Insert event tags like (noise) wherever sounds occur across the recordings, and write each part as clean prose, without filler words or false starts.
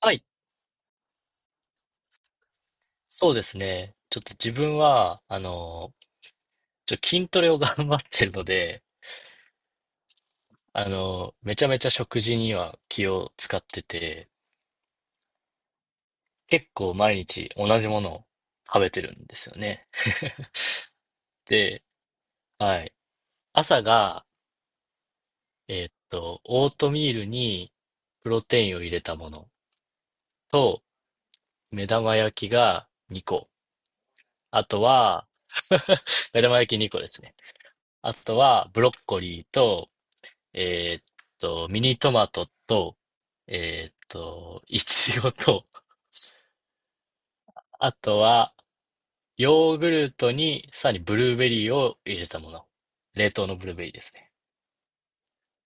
はい、そうですね。ちょっと自分は、筋トレを (laughs) 頑張ってるので、めちゃめちゃ食事には気を使ってて、結構毎日同じものを食べてるんですよね。で、はい。朝が、オートミールにプロテインを入れたものと、目玉焼きが2個。あとは、目玉焼き2個ですね。あとは、ブロッコリーとえーっミニトマトと、いちごと、(laughs) あとは、ヨーグルトに、さらにブルーベリーを入れたもの。冷凍のブルーベリーですね。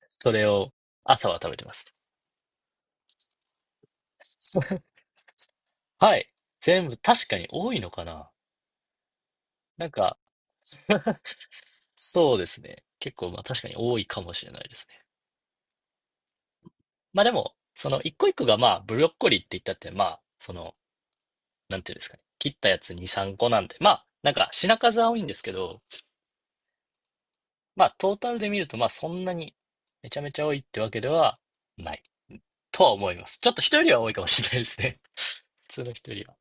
それを、朝は食べてます。(laughs) はい。全部、確かに多いのかな。なんか、そうですね。結構、まあ確かに多いかもしれないですね。まあでも、その一個一個がまあ、ブロッコリーって言ったって、まあ、その、なんていうんですかね。切ったやつ2、3個なんで、まあ、なんか品数は多いんですけど、まあ、トータルで見ると、まあ、そんなにめちゃめちゃ多いってわけではないとは思います。ちょっと人よりは多いかもしれないですね。(laughs) 普通の人よりは。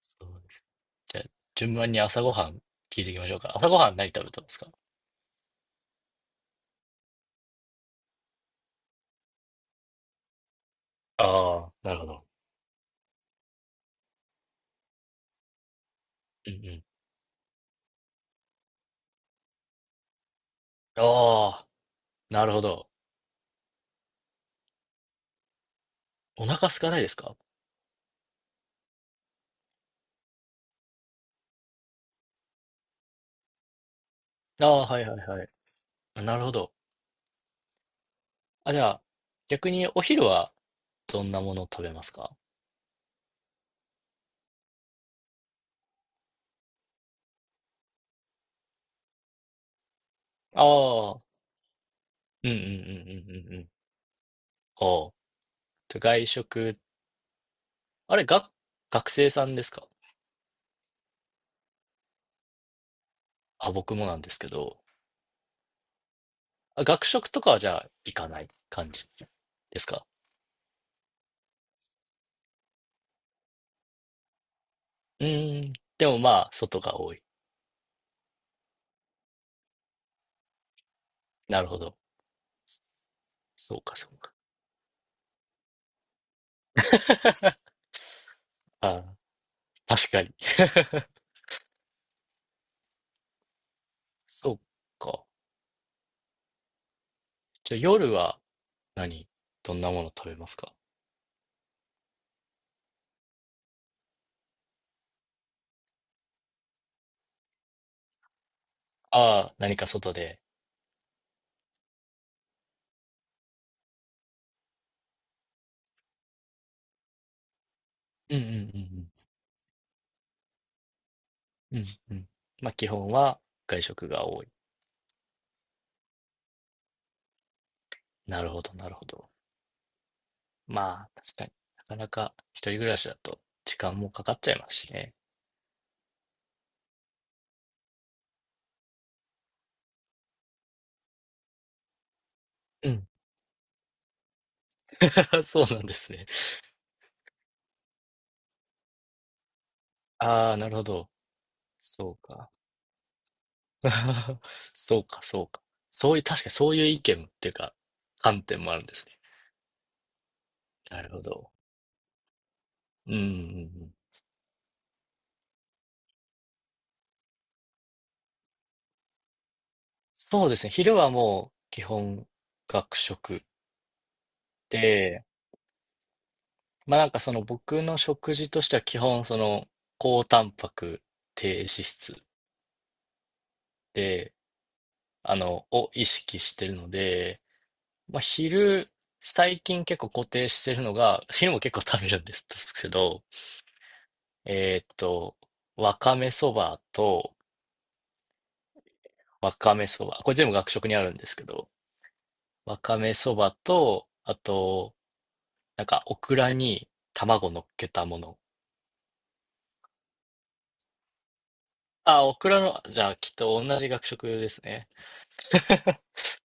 そうです。じゃあ、順番に朝ごはん聞いていきましょうか。朝ごはん何食べたんですか？ああ、なるほど。うんうん。ああ、なるほど。お腹空かないですか？ああ、はいはいはい。あなるほど。あ、じゃあ、逆にお昼はどんなものを食べますか？ああ、うんうんうん、うんうんうん。おう。と外食、あれ、が、学生さんですか？あ、僕もなんですけど、あ、学食とかはじゃあ行かない感じですか？うーん。でもまあ、外が多い。なるほど。そうか、そうか。ああ、確かに。(laughs) そうか。じゃあ夜は何、どんなもの食べますか？ああ、何か外で。うんうんうんうん。うんうん。まあ基本は外食が多い。なるほど、なるほど。まあ、確かに。なかなか一人暮らしだと時間もかかっちゃいますしね。うん。(laughs) そうなんですね。ああ、なるほど。そうか。(laughs) そうか、そうか。そういう、確かにそういう意見っていうか、観点もあるんですね。なるほど。うんうんうん。そうですね。昼はもう基本学食で、まあなんかその僕の食事としては基本その高タンパク低脂質で、を意識してるので、まあ、昼、最近結構固定してるのが、昼も結構食べるんですけど、えーっと、わかめそばと、わかめそば、これ全部学食にあるんですけど、わかめそばと、あと、なんか、オクラに卵乗っけたもの。あ、オクラの、じゃあ、きっと同じ学食ですね。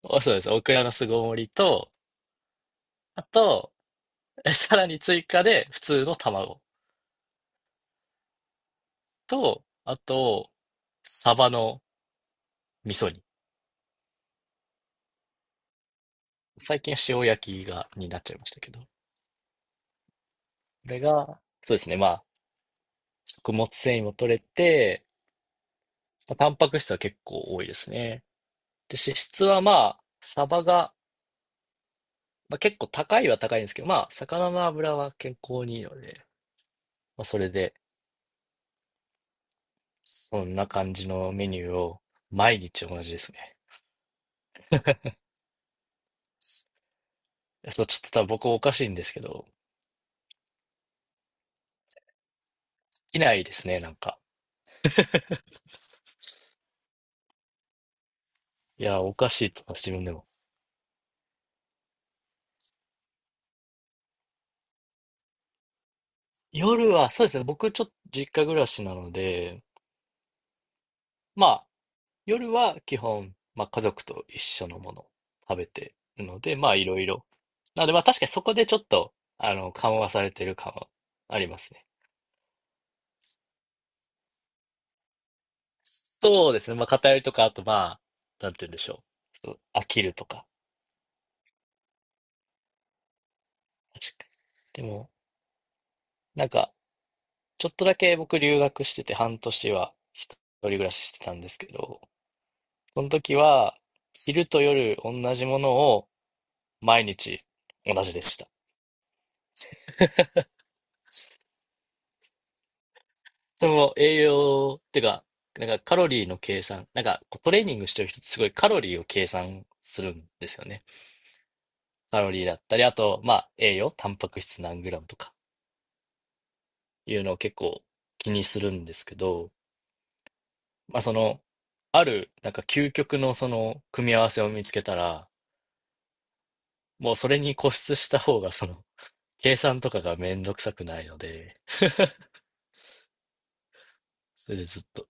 おそうです。オクラの巣ごもりと、あと、えさらに追加で、普通の卵と、あと、サバの味噌煮。最近は塩焼きが、になっちゃいましたけど。これが、そうですね。まあ、食物繊維も取れて、まあ、タンパク質は結構多いですね。で、脂質はまあ、サバが、まあ、結構高いは高いんですけど、まあ、魚の油は健康にいいので、まあ、それで、そんな感じのメニューを毎日同じですね。いやそう、ちょっと多分僕おかしいんですけど、いきないですね、なんか。いや、おかしいと思います、自分でも。夜は、そうですね、僕ちょっと実家暮らしなので、まあ、夜は基本、まあ、家族と一緒のものを食べてるので、まあいろいろ。なのでまあ確かにそこでちょっと、緩和されてる感はありますね。そうですね。まあ偏りとか、あとまあ、なんて言うんでしょう。ちょっと飽きるとか。確かに。でも、なんか、ちょっとだけ僕留学してて半年は一人暮らししてたんですけど、その時は昼と夜同じものを毎日同じでした。その栄養っていうか、なんかカロリーの計算、なんかこうトレーニングしてる人ってすごいカロリーを計算するんですよね。カロリーだったり、あと、まあ栄養、タンパク質何グラムとかいうのを結構気にするんですけど、まあその、ある、なんか究極のその組み合わせを見つけたら、もうそれに固執した方がその、計算とかがめんどくさくないので、それでずっと、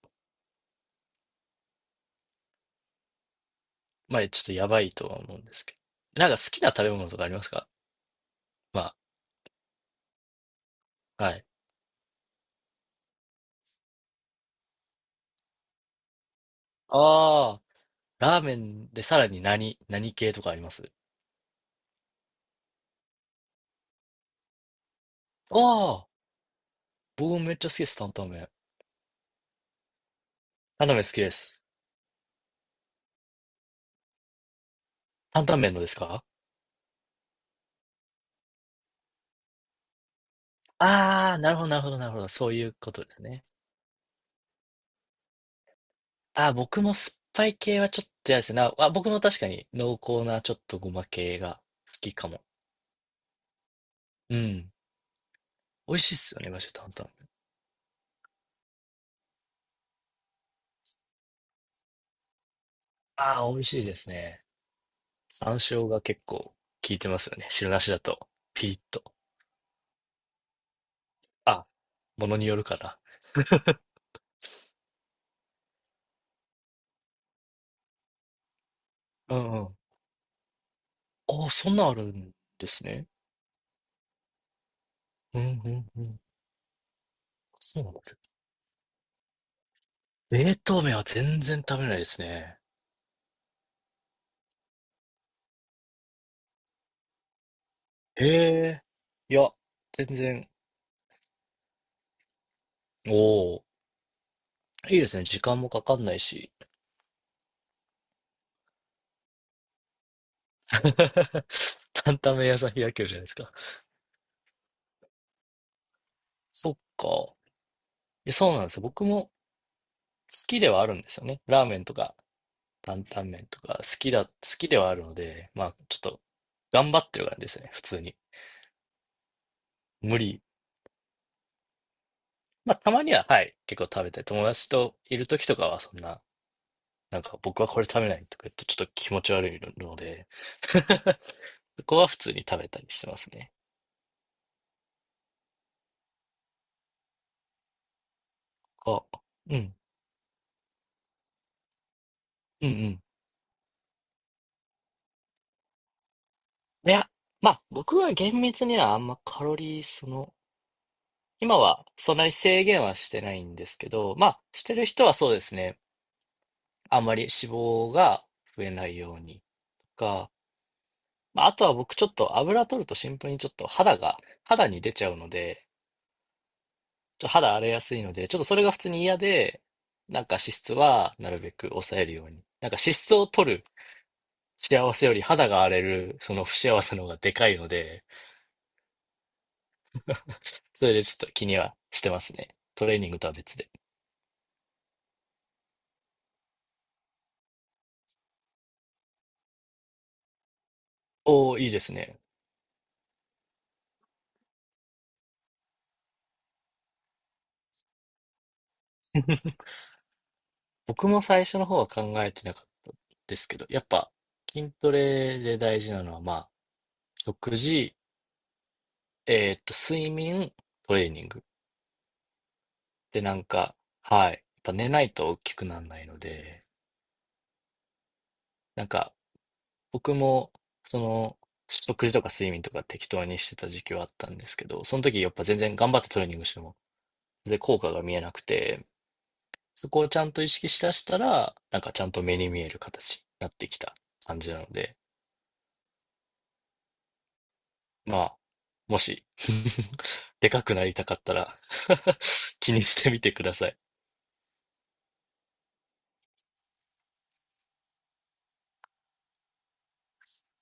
まあちょっとやばいとは思うんですけど。なんか好きな食べ物とかありますか？まあ、はい。ああ。ラーメンでさらに何、何系とかありますああ、僕もめっちゃ好きです、担々麺。担々麺好きです。担々麺のですか？ああー、なるほど、なるほど、なるほど。そういうことですね。ああ、僕も酸っぱい系はちょっと嫌ですね。なあ、僕も確かに濃厚なちょっとごま系が好きかも。うん。美味しいっすよね、マジで担々麺。ああ、美味しいですね。山椒が結構効いてますよね。汁なしだと。ピリッと。あ、ものによるかな。うんうん。ああ、そんなんあるんですね。うんうんうん。そうなんだ。冷凍麺は全然食べないですね。へえ。いや、全然。おお。いいですね。時間もかかんないし。(laughs) 担々麺屋さん開けるじゃないですか。そっか。え、そうなんですよ。僕も好きではあるんですよね。ラーメンとか担々麺とか好きだ、好きではあるので、まあちょっと頑張ってる感じですね。普通に。無理。まあたまには、はい、結構食べたい。友達といる時とかはそんな、なんか僕はこれ食べないとか言ってちょっと気持ち悪いので (laughs) そこは普通に食べたりしてますね。こう。うん。うんうん。いや、まあ僕は厳密にはあんまカロリーその、今はそんなに制限はしてないんですけど、まあしてる人はそうですね。あんまり脂肪が増えないようにとか、まあ、あとは僕ちょっと油取るとシンプルにちょっと肌が、肌に出ちゃうので、ちょっと肌荒れやすいので、ちょっとそれが普通に嫌で、なんか脂質はなるべく抑えるように。なんか脂質を取る幸せより肌が荒れるその不幸せの方がでかいので、それでちょっと気にはしてますね。トレーニングとは別で。おー、いいですね。(laughs) 僕も最初の方は考えてなかったですけど、やっぱ筋トレで大事なのは、まあ、食事、睡眠、トレーニング。で、なんか、はい。やっぱ寝ないと大きくならないので、なんか、僕も、その、食事とか睡眠とか適当にしてた時期はあったんですけど、その時やっぱ全然頑張ってトレーニングしても、全然効果が見えなくて、そこをちゃんと意識しだしたら、なんかちゃんと目に見える形になってきた感じなので、まあ、もし (laughs) でかくなりたかったら (laughs) 気にしてみてください。